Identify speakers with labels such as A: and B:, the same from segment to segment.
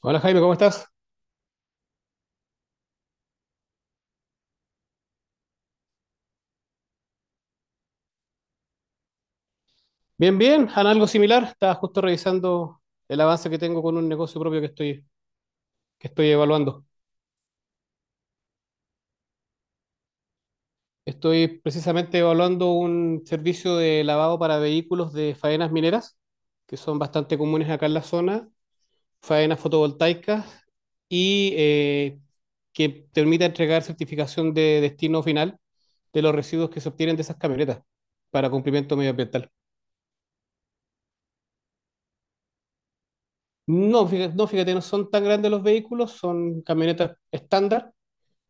A: Hola Jaime, ¿cómo estás? Bien, bien, en algo similar. Estaba justo revisando el avance que tengo con un negocio propio que estoy evaluando. Estoy precisamente evaluando un servicio de lavado para vehículos de faenas mineras, que son bastante comunes acá en la zona, faenas fotovoltaicas y que permita entregar certificación de destino final de los residuos que se obtienen de esas camionetas para cumplimiento medioambiental. No, fíjate, no, fíjate, no son tan grandes los vehículos, son camionetas estándar.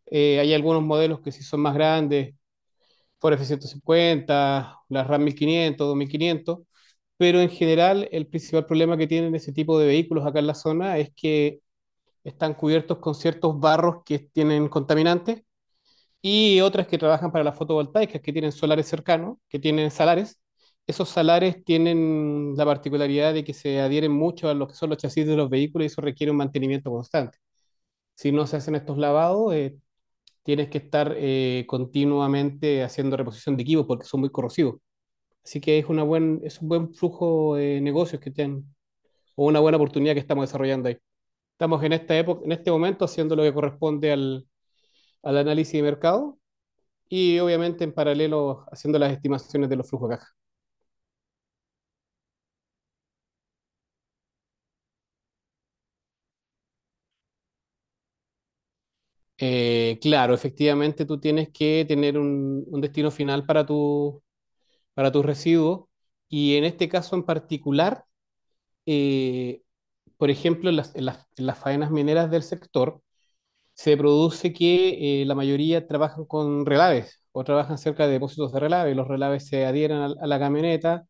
A: Hay algunos modelos que sí son más grandes, Ford F-150, la Ram 1500, 2500, pero en general el principal problema que tienen ese tipo de vehículos acá en la zona es que están cubiertos con ciertos barros que tienen contaminantes y otras que trabajan para las fotovoltaicas, que tienen solares cercanos, que tienen salares. Esos salares tienen la particularidad de que se adhieren mucho a lo que son los chasis de los vehículos y eso requiere un mantenimiento constante. Si no se hacen estos lavados, tienes que estar continuamente haciendo reposición de equipos porque son muy corrosivos. Así que es un buen flujo de negocios que tienen o una buena oportunidad que estamos desarrollando ahí. Estamos en esta época, en este momento haciendo lo que corresponde al análisis de mercado y obviamente en paralelo haciendo las estimaciones de los flujos de caja. Claro, efectivamente tú tienes que tener un destino final para para tus residuos y en este caso en particular, eh, por ejemplo, en las faenas mineras del sector, se produce que la mayoría trabajan con relaves o trabajan cerca de depósitos de relaves. Los relaves se adhieren a la camioneta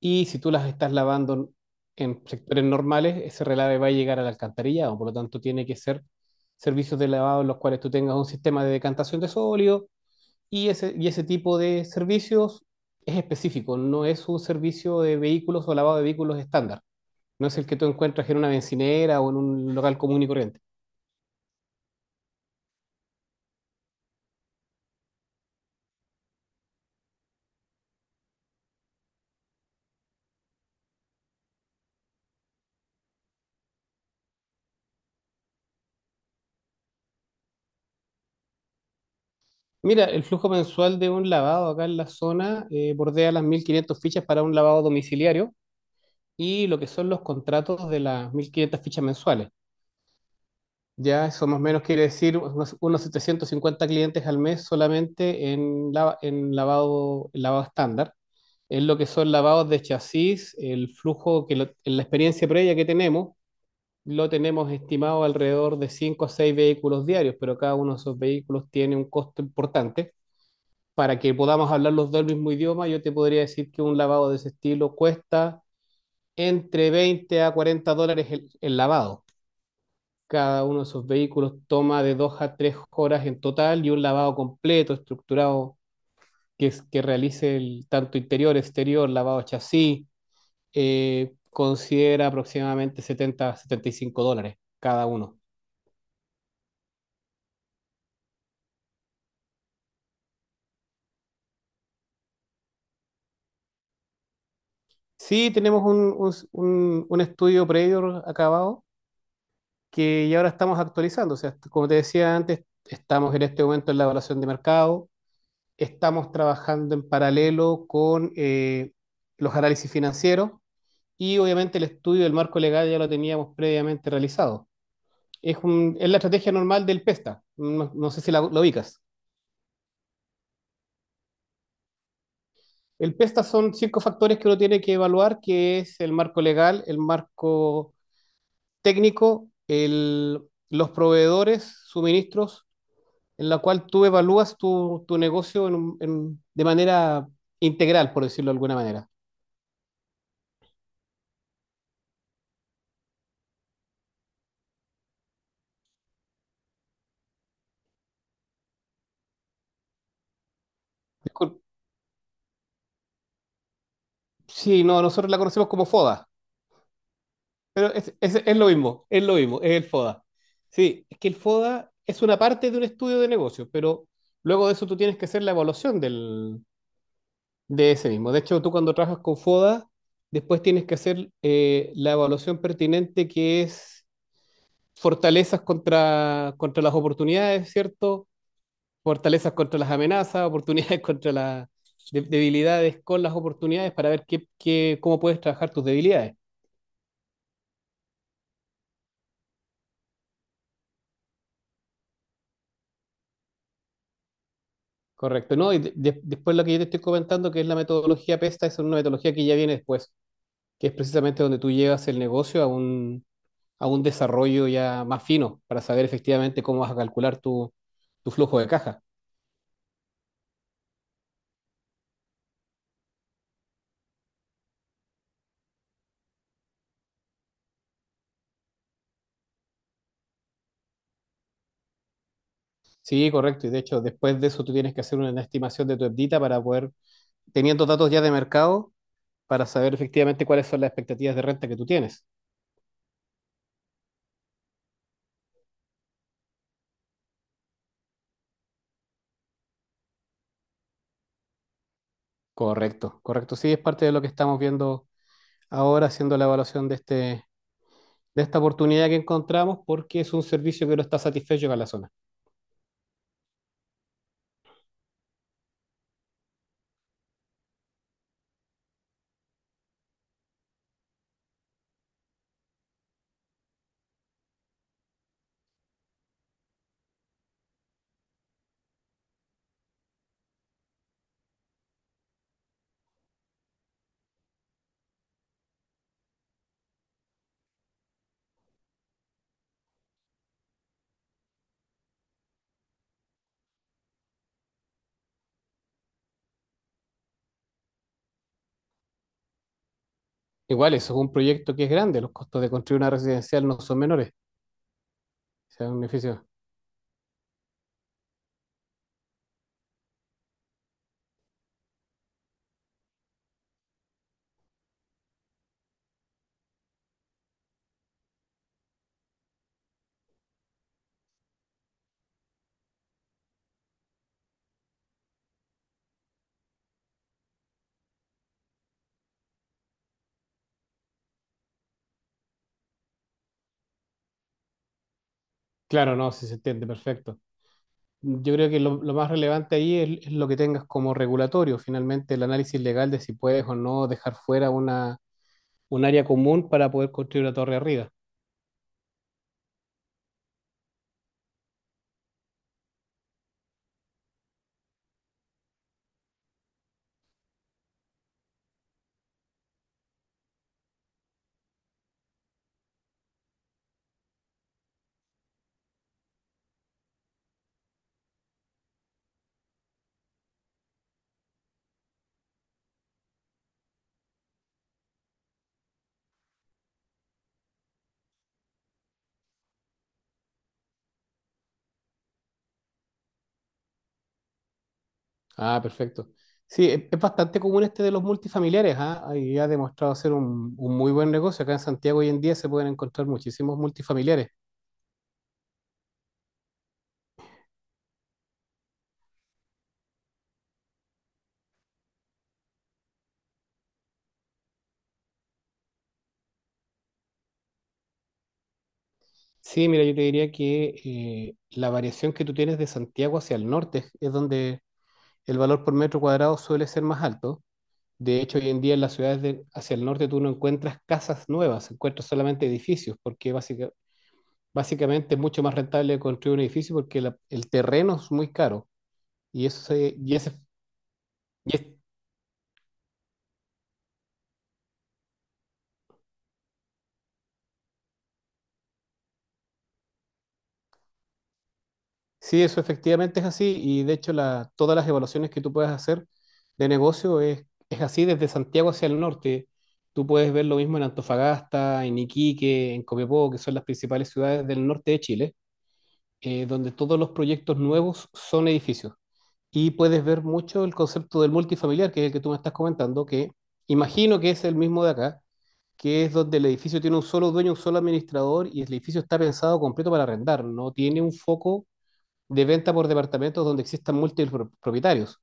A: y si tú las estás lavando en sectores normales, ese relave va a llegar al alcantarillado. Por lo tanto, tiene que ser servicios de lavado en los cuales tú tengas un sistema de decantación de sólido y ese tipo de servicios es específico, no es un servicio de vehículos o lavado de vehículos estándar. No es el que tú encuentras en una bencinera o en un local común y corriente. Mira, el flujo mensual de un lavado acá en la zona bordea las 1.500 fichas para un lavado domiciliario y lo que son los contratos de las 1.500 fichas mensuales. Ya eso más o menos quiere decir unos 750 clientes al mes solamente en, en lavado estándar. En lo que son lavados de chasis, el flujo que lo- en la experiencia previa que tenemos, lo tenemos estimado alrededor de 5 a 6 vehículos diarios, pero cada uno de esos vehículos tiene un costo importante. Para que podamos hablar los dos el mismo idioma, yo te podría decir que un lavado de ese estilo cuesta entre 20 a $40 el lavado. Cada uno de esos vehículos toma de 2 a 3 horas en total, y un lavado completo, estructurado, que realice tanto interior, exterior, lavado chasis, considera aproximadamente 70 a $75 cada uno. Sí, tenemos un estudio previo acabado que ya ahora estamos actualizando. O sea, como te decía antes, estamos en este momento en la evaluación de mercado, estamos trabajando en paralelo con los análisis financieros, y obviamente el estudio del marco legal ya lo teníamos previamente realizado. Es la estrategia normal del PESTA, no, no sé si lo ubicas. El PESTA son 5 factores que uno tiene que evaluar, que es el marco legal, el marco técnico, el, los proveedores, suministros, en la cual tú evalúas tu negocio en de manera integral, por decirlo de alguna manera. Discul- Sí, no, nosotros la conocemos como FODA, pero es lo mismo, es lo mismo, es el FODA. Sí, es que el FODA es una parte de un estudio de negocio, pero luego de eso tú tienes que hacer la evaluación de ese mismo. De hecho, tú cuando trabajas con FODA, después tienes que hacer la evaluación pertinente, que es fortalezas contra las oportunidades, ¿cierto? Fortalezas contra las amenazas, oportunidades contra las debilidades, con las oportunidades, para ver cómo puedes trabajar tus debilidades. Correcto, ¿no? Y después lo que yo te estoy comentando, que es la metodología PESTA, es una metodología que ya viene después, que es precisamente donde tú llevas el negocio a a un desarrollo ya más fino para saber efectivamente cómo vas a calcular tu flujo de caja. Sí, correcto. Y de hecho, después de eso tú tienes que hacer una estimación de tu EBITDA para poder, teniendo datos ya de mercado, para saber efectivamente cuáles son las expectativas de renta que tú tienes. Correcto, correcto. Sí, es parte de lo que estamos viendo ahora, haciendo la evaluación de este, de esta oportunidad que encontramos, porque es un servicio que no está satisfecho con la zona. Igual, eso es un proyecto que es grande, los costos de construir una residencial no son menores, o sea, es un edificio. Claro, no, sí se entiende, perfecto. Yo creo que lo más relevante ahí es lo que tengas como regulatorio, finalmente el análisis legal de si puedes o no dejar fuera un área común para poder construir una torre arriba. Ah, perfecto. Sí, es bastante común este de los multifamiliares, ¿ah? Y ha demostrado ser un muy buen negocio. Acá en Santiago hoy en día se pueden encontrar muchísimos multifamiliares. Sí, mira, yo te diría que la variación que tú tienes de Santiago hacia el norte es donde el valor por metro cuadrado suele ser más alto. De hecho, hoy en día en las ciudades hacia el norte tú no encuentras casas nuevas, encuentras solamente edificios, porque básicamente es mucho más rentable construir un edificio porque el terreno es muy caro. Y eso se- y ese, y es- Sí, eso efectivamente es así, y de hecho todas las evaluaciones que tú puedes hacer de negocio es así desde Santiago hacia el norte. Tú puedes ver lo mismo en Antofagasta, en Iquique, en Copiapó, que son las principales ciudades del norte de Chile, donde todos los proyectos nuevos son edificios. Y puedes ver mucho el concepto del multifamiliar, que es el que tú me estás comentando, que imagino que es el mismo de acá, que es donde el edificio tiene un solo dueño, un solo administrador, y el edificio está pensado completo para arrendar, no tiene un foco de venta por departamentos donde existan múltiples propietarios.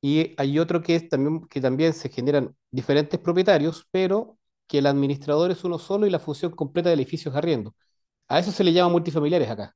A: Y hay otro que es también, que también se generan diferentes propietarios, pero que el administrador es uno solo y la función completa del edificio es arriendo. A eso se le llama multifamiliares acá.